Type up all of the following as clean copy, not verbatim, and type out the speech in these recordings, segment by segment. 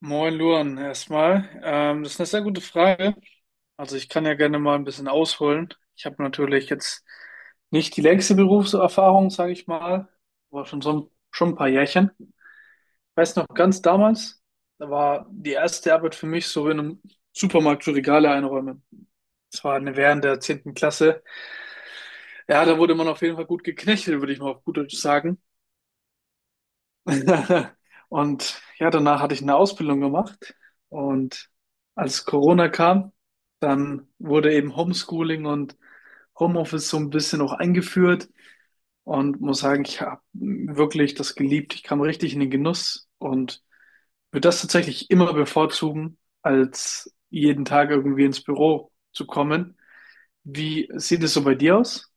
Moin Luan, erstmal. Das ist eine sehr gute Frage. Also ich kann ja gerne mal ein bisschen ausholen. Ich habe natürlich jetzt nicht die längste Berufserfahrung, sage ich mal, aber schon ein paar Jährchen. Ich weiß noch ganz damals, da war die erste Arbeit für mich so in einem Supermarkt für Regale einräumen. Das war eine während der zehnten Klasse. Ja, da wurde man auf jeden Fall gut geknechtet, würde ich mal auf gut Deutsch sagen. Und ja, danach hatte ich eine Ausbildung gemacht. Und als Corona kam, dann wurde eben Homeschooling und Homeoffice so ein bisschen auch eingeführt. Und muss sagen, ich habe wirklich das geliebt. Ich kam richtig in den Genuss und würde das tatsächlich immer bevorzugen, als jeden Tag irgendwie ins Büro zu kommen. Wie sieht es so bei dir aus?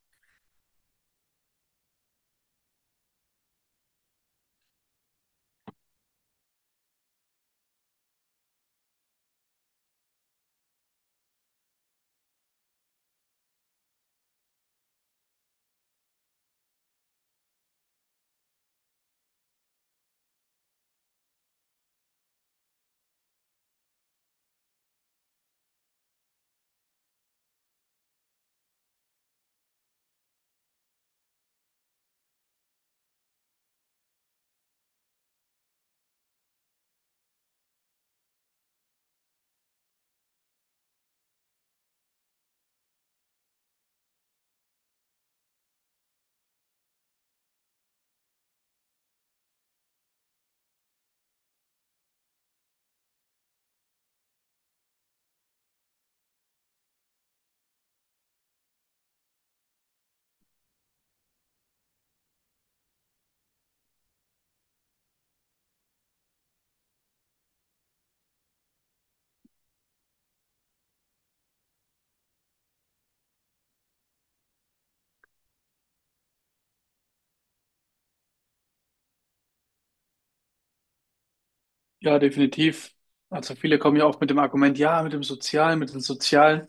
Ja, definitiv. Also viele kommen ja auch mit dem Argument, ja, mit dem Sozialen, mit den Sozialen.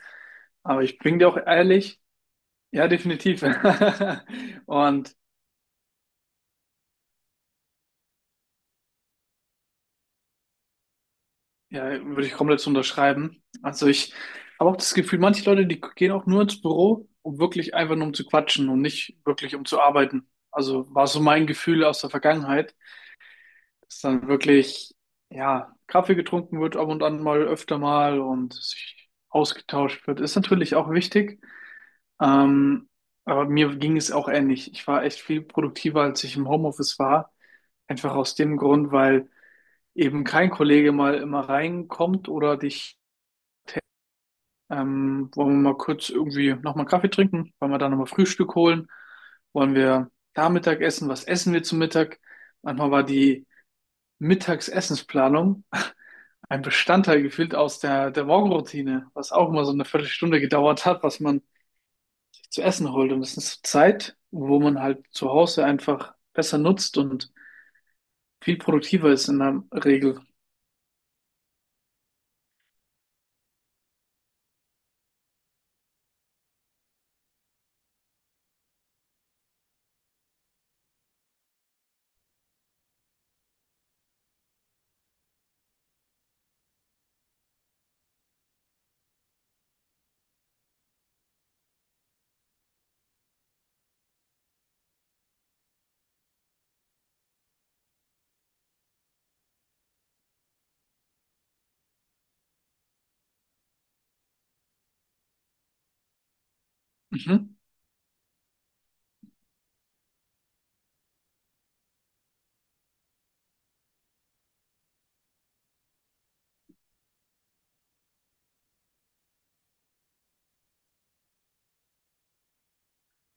Aber ich bin dir auch ehrlich, ja, definitiv. Und ja, würde ich komplett so unterschreiben. Also ich habe auch das Gefühl, manche Leute, die gehen auch nur ins Büro, um wirklich einfach nur um zu quatschen und nicht wirklich um zu arbeiten. Also war so mein Gefühl aus der Vergangenheit, dass dann wirklich, ja, Kaffee getrunken wird ab und an mal öfter mal und sich ausgetauscht wird. Ist natürlich auch wichtig. Ähm, aber mir ging es auch ähnlich. Ich war echt viel produktiver, als ich im Homeoffice war. Einfach aus dem Grund, weil eben kein Kollege mal immer reinkommt oder dich, wollen wir mal kurz irgendwie nochmal Kaffee trinken, wollen wir da nochmal Frühstück holen, wollen wir da Mittag essen, was essen wir zum Mittag? Manchmal war die Mittagsessensplanung ein Bestandteil gefühlt aus der Morgenroutine, was auch immer so eine Viertelstunde gedauert hat, was man zu essen holt. Und das ist Zeit, wo man halt zu Hause einfach besser nutzt und viel produktiver ist in der Regel. Mhm.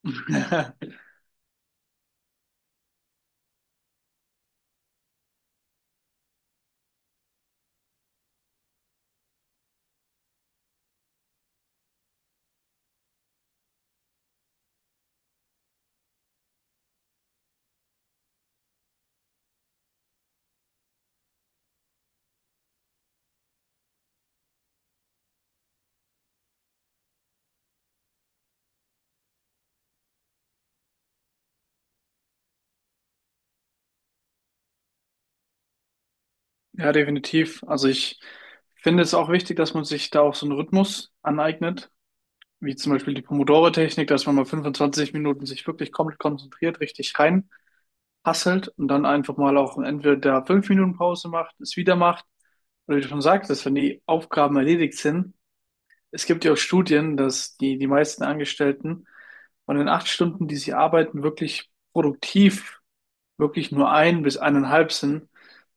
Ja, definitiv. Also ich finde es auch wichtig, dass man sich da auch so einen Rhythmus aneignet, wie zum Beispiel die Pomodoro-Technik, dass man mal 25 Minuten sich wirklich komplett konzentriert, richtig rein hasselt und dann einfach mal auch entweder da 5 Minuten Pause macht, es wieder macht, oder wie du schon sagtest, wenn die Aufgaben erledigt sind. Es gibt ja auch Studien, dass die meisten Angestellten von den 8 Stunden, die sie arbeiten, wirklich produktiv, wirklich nur ein bis eineinhalb sind.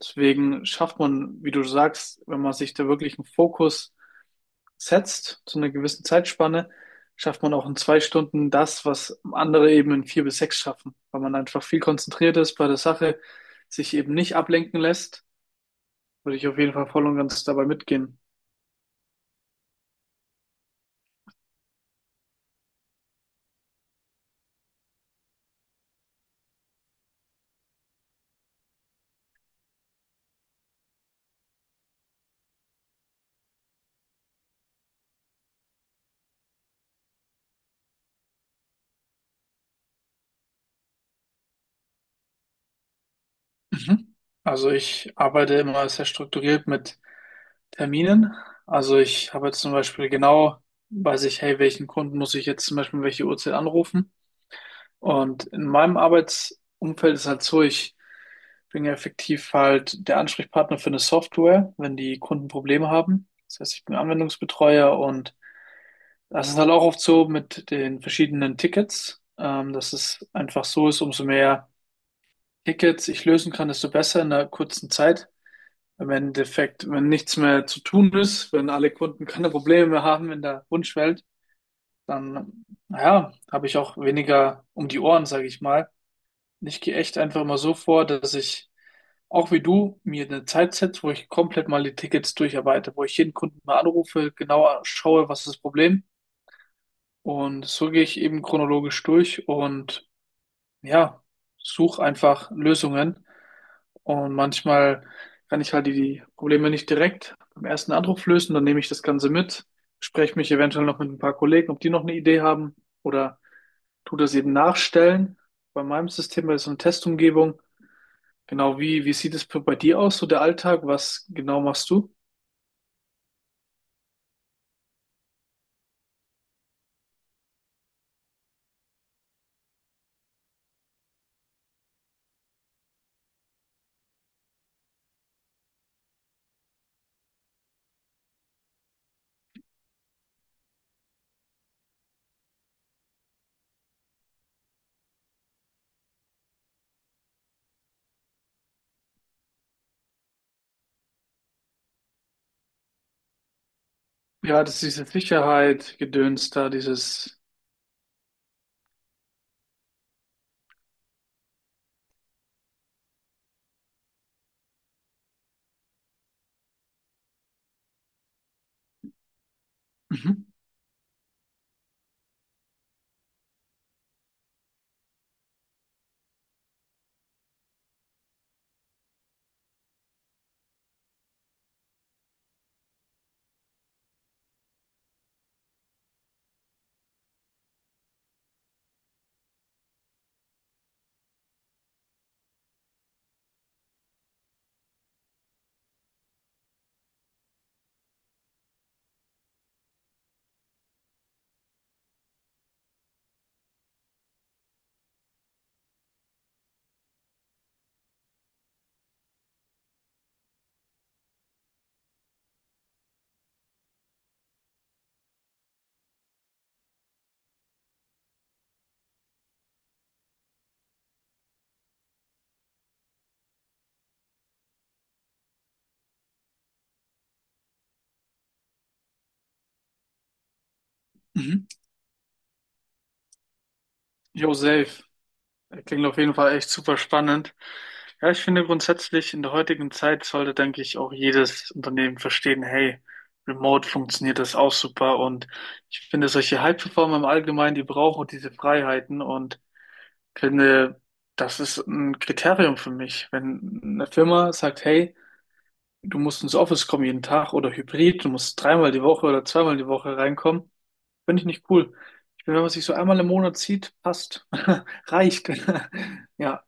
Deswegen schafft man, wie du sagst, wenn man sich da wirklich einen Fokus setzt, zu einer gewissen Zeitspanne, schafft man auch in 2 Stunden das, was andere eben in vier bis sechs schaffen, weil man einfach viel konzentriert ist bei der Sache, sich eben nicht ablenken lässt. Würde ich auf jeden Fall voll und ganz dabei mitgehen. Mhm. Also ich arbeite immer sehr strukturiert mit Terminen. Also ich habe jetzt zum Beispiel genau, weiß ich, hey, welchen Kunden muss ich jetzt zum Beispiel um welche Uhrzeit anrufen? Und in meinem Arbeitsumfeld ist halt so, ich bin ja effektiv halt der Ansprechpartner für eine Software, wenn die Kunden Probleme haben. Das heißt, ich bin Anwendungsbetreuer und das ist halt auch oft so mit den verschiedenen Tickets, dass es einfach so ist, umso mehr Tickets ich lösen kann, desto besser in einer kurzen Zeit. Im Endeffekt, wenn nichts mehr zu tun ist, wenn alle Kunden keine Probleme mehr haben in der Wunschwelt, dann, naja, habe ich auch weniger um die Ohren, sage ich mal. Ich gehe echt einfach mal so vor, dass ich, auch wie du, mir eine Zeit setze, wo ich komplett mal die Tickets durcharbeite, wo ich jeden Kunden mal anrufe, genauer schaue, was ist das Problem. Und so gehe ich eben chronologisch durch und ja, such einfach Lösungen. Und manchmal kann ich halt die Probleme nicht direkt beim ersten Anruf lösen. Dann nehme ich das Ganze mit, spreche mich eventuell noch mit ein paar Kollegen, ob die noch eine Idee haben oder tu das eben nachstellen. Bei meinem System bei so einer Testumgebung. Genau wie, wie sieht es bei dir aus, so der Alltag? Was genau machst du? Ja, das ist diese Sicherheit, Gedöns da, dieses Mhm. Mhm. Yo, safe. Klingt auf jeden Fall echt super spannend. Ja, ich finde grundsätzlich in der heutigen Zeit sollte, denke ich, auch jedes Unternehmen verstehen, hey, remote funktioniert das auch super und ich finde solche High-Performer im Allgemeinen, die brauchen auch diese Freiheiten und finde, das ist ein Kriterium für mich. Wenn eine Firma sagt, hey, du musst ins Office kommen jeden Tag oder hybrid, du musst dreimal die Woche oder zweimal die Woche reinkommen, finde ich nicht cool. Ich finde, wenn man sich so einmal im Monat sieht, passt, reicht. Ja.